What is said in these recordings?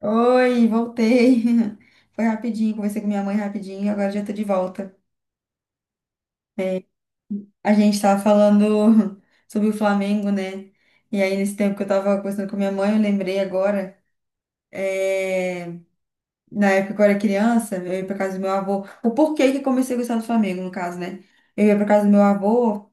Oi, voltei. Foi rapidinho, conversei com minha mãe rapidinho, agora já tô de volta. A gente tava falando sobre o Flamengo, né? E aí, nesse tempo que eu tava conversando com minha mãe, eu lembrei agora, é, na época que eu era criança, eu ia pra casa do meu avô. O porquê que eu comecei a gostar do Flamengo, no caso, né? Eu ia pra casa do meu avô.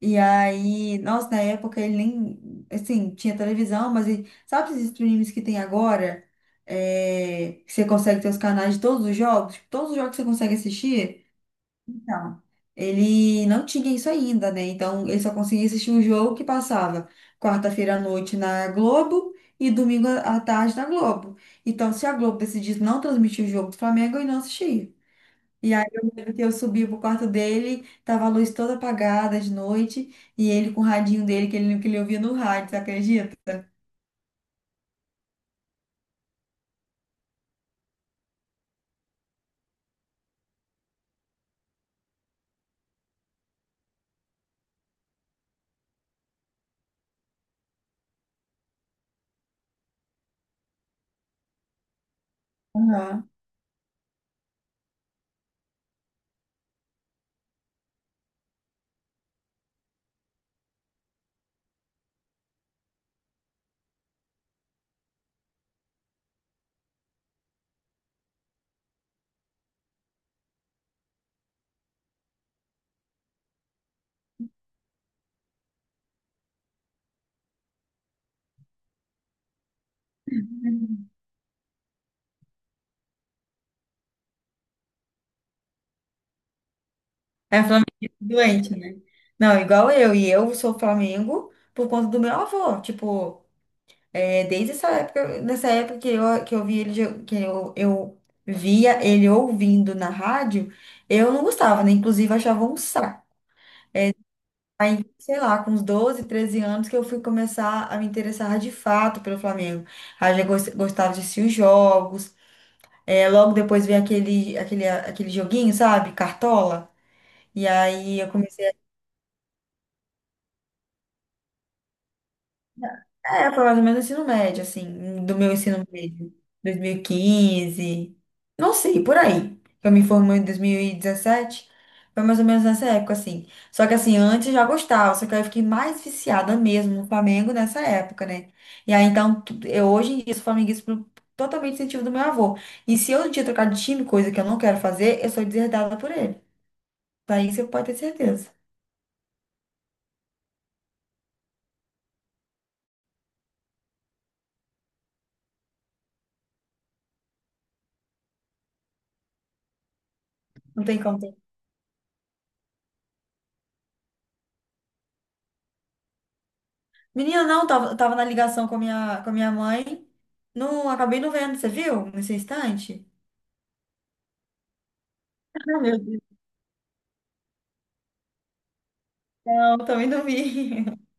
E aí, nossa, na época ele nem, assim, tinha televisão, mas sabe esses streams que tem agora? É, que você consegue ter os canais de todos os jogos, tipo, todos os jogos que você consegue assistir? Então, ele não tinha isso ainda, né? Então, ele só conseguia assistir o jogo que passava quarta-feira à noite na Globo e domingo à tarde na Globo. Então, se a Globo decidisse não transmitir o jogo do Flamengo, ele não assistia. E aí eu lembro que eu subi pro quarto dele, tava a luz toda apagada de noite, e ele com o radinho dele, que ele ouvia no rádio, você acredita? Aham. É Flamengo doente, né? Não, igual eu, e eu sou Flamengo por conta do meu avô, tipo, desde essa época, nessa época que eu vi ele, eu via ele ouvindo na rádio, eu não gostava, né? Inclusive eu achava um saco. Aí, sei lá, com uns 12 13 anos que eu fui começar a me interessar de fato pelo Flamengo. Aí eu já gostava de assistir os jogos. É, logo depois veio aquele joguinho, sabe? Cartola. E aí eu é, foi mais ou menos o ensino médio, assim, do meu ensino médio, 2015, não sei, por aí. Eu me formei em 2017, foi mais ou menos nessa época, assim. Só que, assim, antes eu já gostava, só que eu fiquei mais viciada mesmo no Flamengo nessa época, né? E aí, então, eu hoje em dia sou flamenguista por totalmente incentivo do meu avô. E se eu um dia trocar de time, coisa que eu não quero fazer, eu sou deserdada por ele. Daí você pode ter certeza. Não tem como. Menina, não, tava na ligação com a minha mãe. Não, acabei não vendo, você viu? Nesse instante? Ah, meu Deus. Não, também não vi.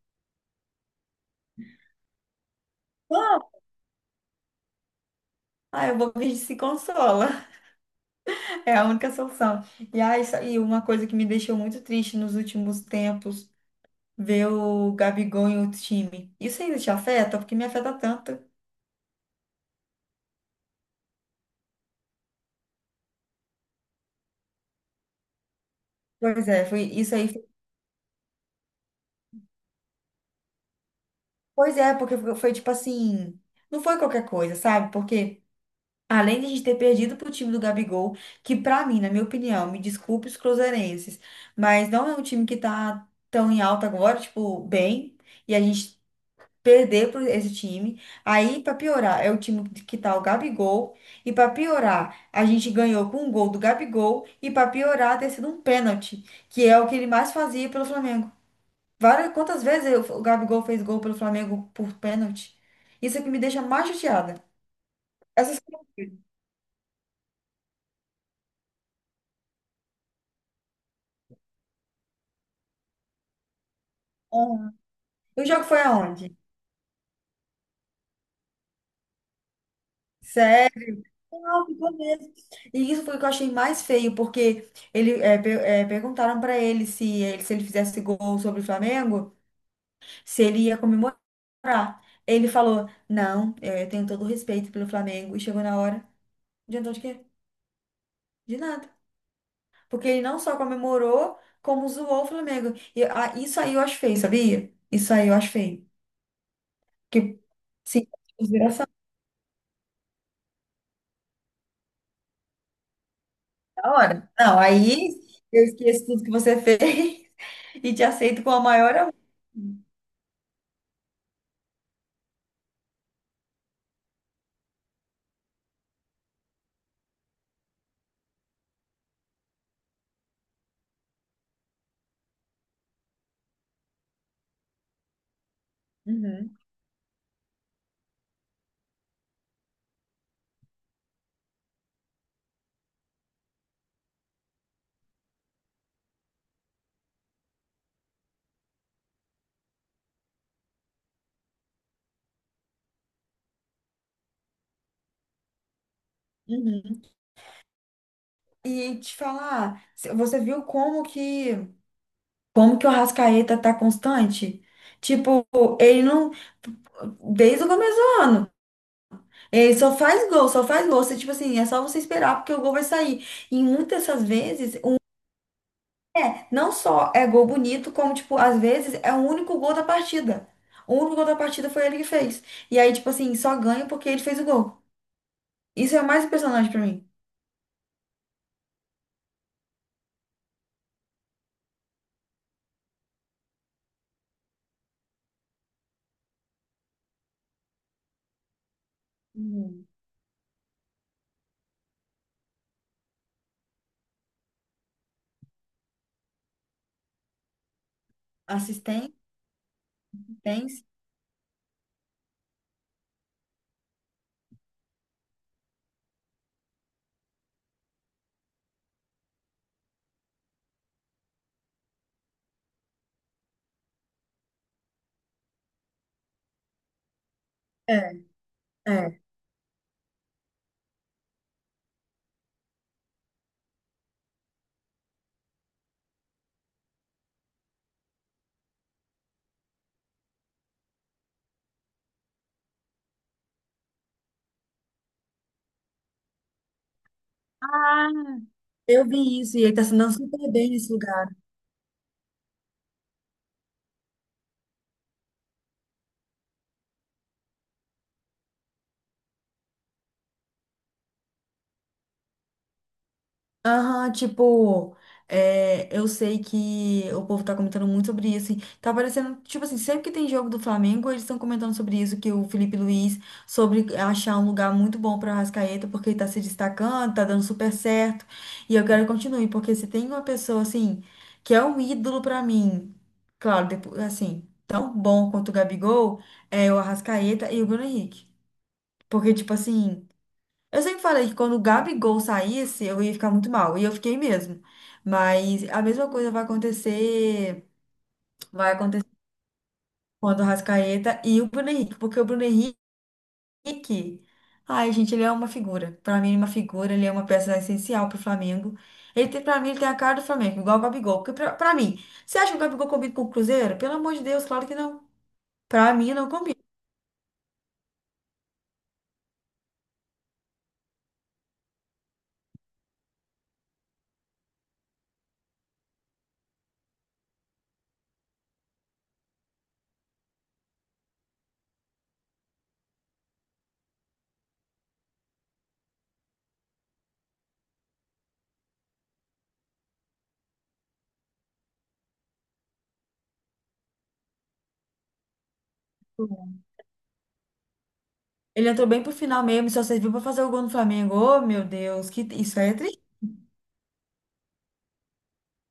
Ah, ah, eu vou ver se consola. É a única solução. E, ah, isso, e uma coisa que me deixou muito triste nos últimos tempos, ver o Gabigol em outro time. Isso ainda te afeta? Porque me afeta tanto. Pois é, foi isso aí. Pois é, porque foi tipo assim, não foi qualquer coisa, sabe? Porque além de a gente ter perdido para o time do Gabigol, que pra mim, na minha opinião, me desculpe os cruzeirenses, mas não é um time que tá tão em alta agora, tipo, bem, e a gente perder para esse time. Aí, pra piorar, é o time que tá o Gabigol, e pra piorar, a gente ganhou com um gol do Gabigol, e pra piorar, ter sido um pênalti, que é o que ele mais fazia pelo Flamengo. Várias, quantas vezes o Gabigol fez gol pelo Flamengo por pênalti? Isso é o que me deixa mais chateada. Essas coisas. O jogo foi aonde? Sério? Não, ficou mesmo. E isso foi o que eu achei mais feio, porque ele, perguntaram para ele se, ele se ele fizesse gol sobre o Flamengo, se ele ia comemorar. Ele falou: Não, é, eu tenho todo o respeito pelo Flamengo. E chegou na hora, adiantou de quê? De nada. Porque ele não só comemorou, como zoou o Flamengo. E, ah, isso aí eu acho feio, sabia? Isso aí eu acho feio. Que, sim, consideração na hora. Não, aí eu esqueço tudo que você fez. E te aceito com a maior amor. Uhum, uhum. E te falar, você viu como que o Arrascaeta tá constante? Tipo, ele não desde o começo do ano. Ele só faz gol, só faz gol. Você, tipo assim, é só você esperar porque o gol vai sair. E muitas dessas vezes, não só é gol bonito, como, tipo, às vezes é o único gol da partida. O único gol da partida foi ele que fez. E aí, tipo assim, só ganha porque ele fez o gol. Isso é o mais impressionante pra mim. Hum. Assistência, assistência. É, é. Eu vi isso e ele tá se dando super bem nesse lugar. Aham, tipo, é, eu sei que o povo tá comentando muito sobre isso. E tá parecendo, tipo assim, sempre que tem jogo do Flamengo, eles estão comentando sobre isso, que o Felipe Luiz, sobre achar um lugar muito bom pra Arrascaeta, porque ele tá se destacando, tá dando super certo. E eu quero que continue, porque se tem uma pessoa, assim, que é um ídolo pra mim, claro, depois, assim, tão bom quanto o Gabigol, é o Arrascaeta e o Bruno Henrique. Porque, tipo assim. Eu sempre falei que quando o Gabigol saísse, eu ia ficar muito mal. E eu fiquei mesmo. Mas a mesma coisa vai acontecer, vai acontecer quando o Rascaeta e o Bruno Henrique, porque o Bruno Henrique, ai, gente, ele é uma figura. Pra mim, ele é uma figura, ele é uma peça essencial pro Flamengo. Ele tem, pra mim, ele tem a cara do Flamengo, igual o Gabigol. Porque pra mim, você acha que o Gabigol combina com o Cruzeiro? Pelo amor de Deus, claro que não. Pra mim, não combina. Ele entrou bem pro final mesmo, e só serviu pra fazer o gol no Flamengo. Ô, meu Deus, que isso aí é triste.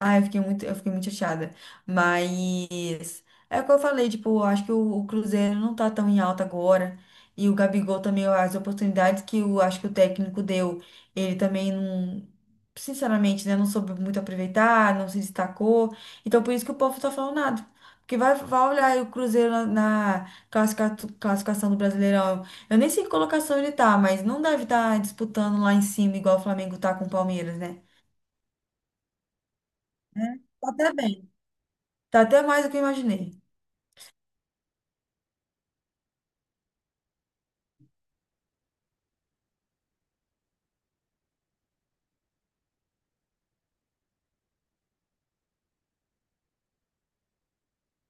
Ah, eu fiquei muito chateada. Mas é o que eu falei, tipo, eu acho que o Cruzeiro não tá tão em alta agora. E o Gabigol também, as oportunidades que eu acho que o técnico deu, ele também não, sinceramente, né, não soube muito aproveitar, não se destacou. Então por isso que o povo tá falando nada. Porque vai, vai olhar aí o Cruzeiro na classificação do Brasileirão. Eu nem sei que colocação ele tá, mas não deve estar disputando lá em cima, igual o Flamengo tá com o Palmeiras, né? É. Tá até bem. Tá até mais do que eu imaginei.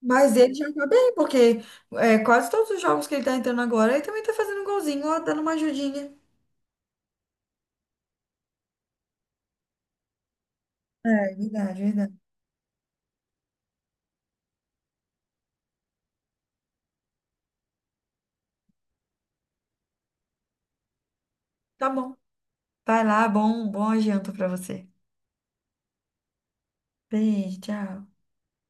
Mas ele já tá bem, porque é, quase todos os jogos que ele tá entrando agora, ele também tá fazendo um golzinho, ó, dando uma ajudinha. É, verdade, verdade. Tá bom. Vai lá, bom, bom janta pra você. Beijo, tchau.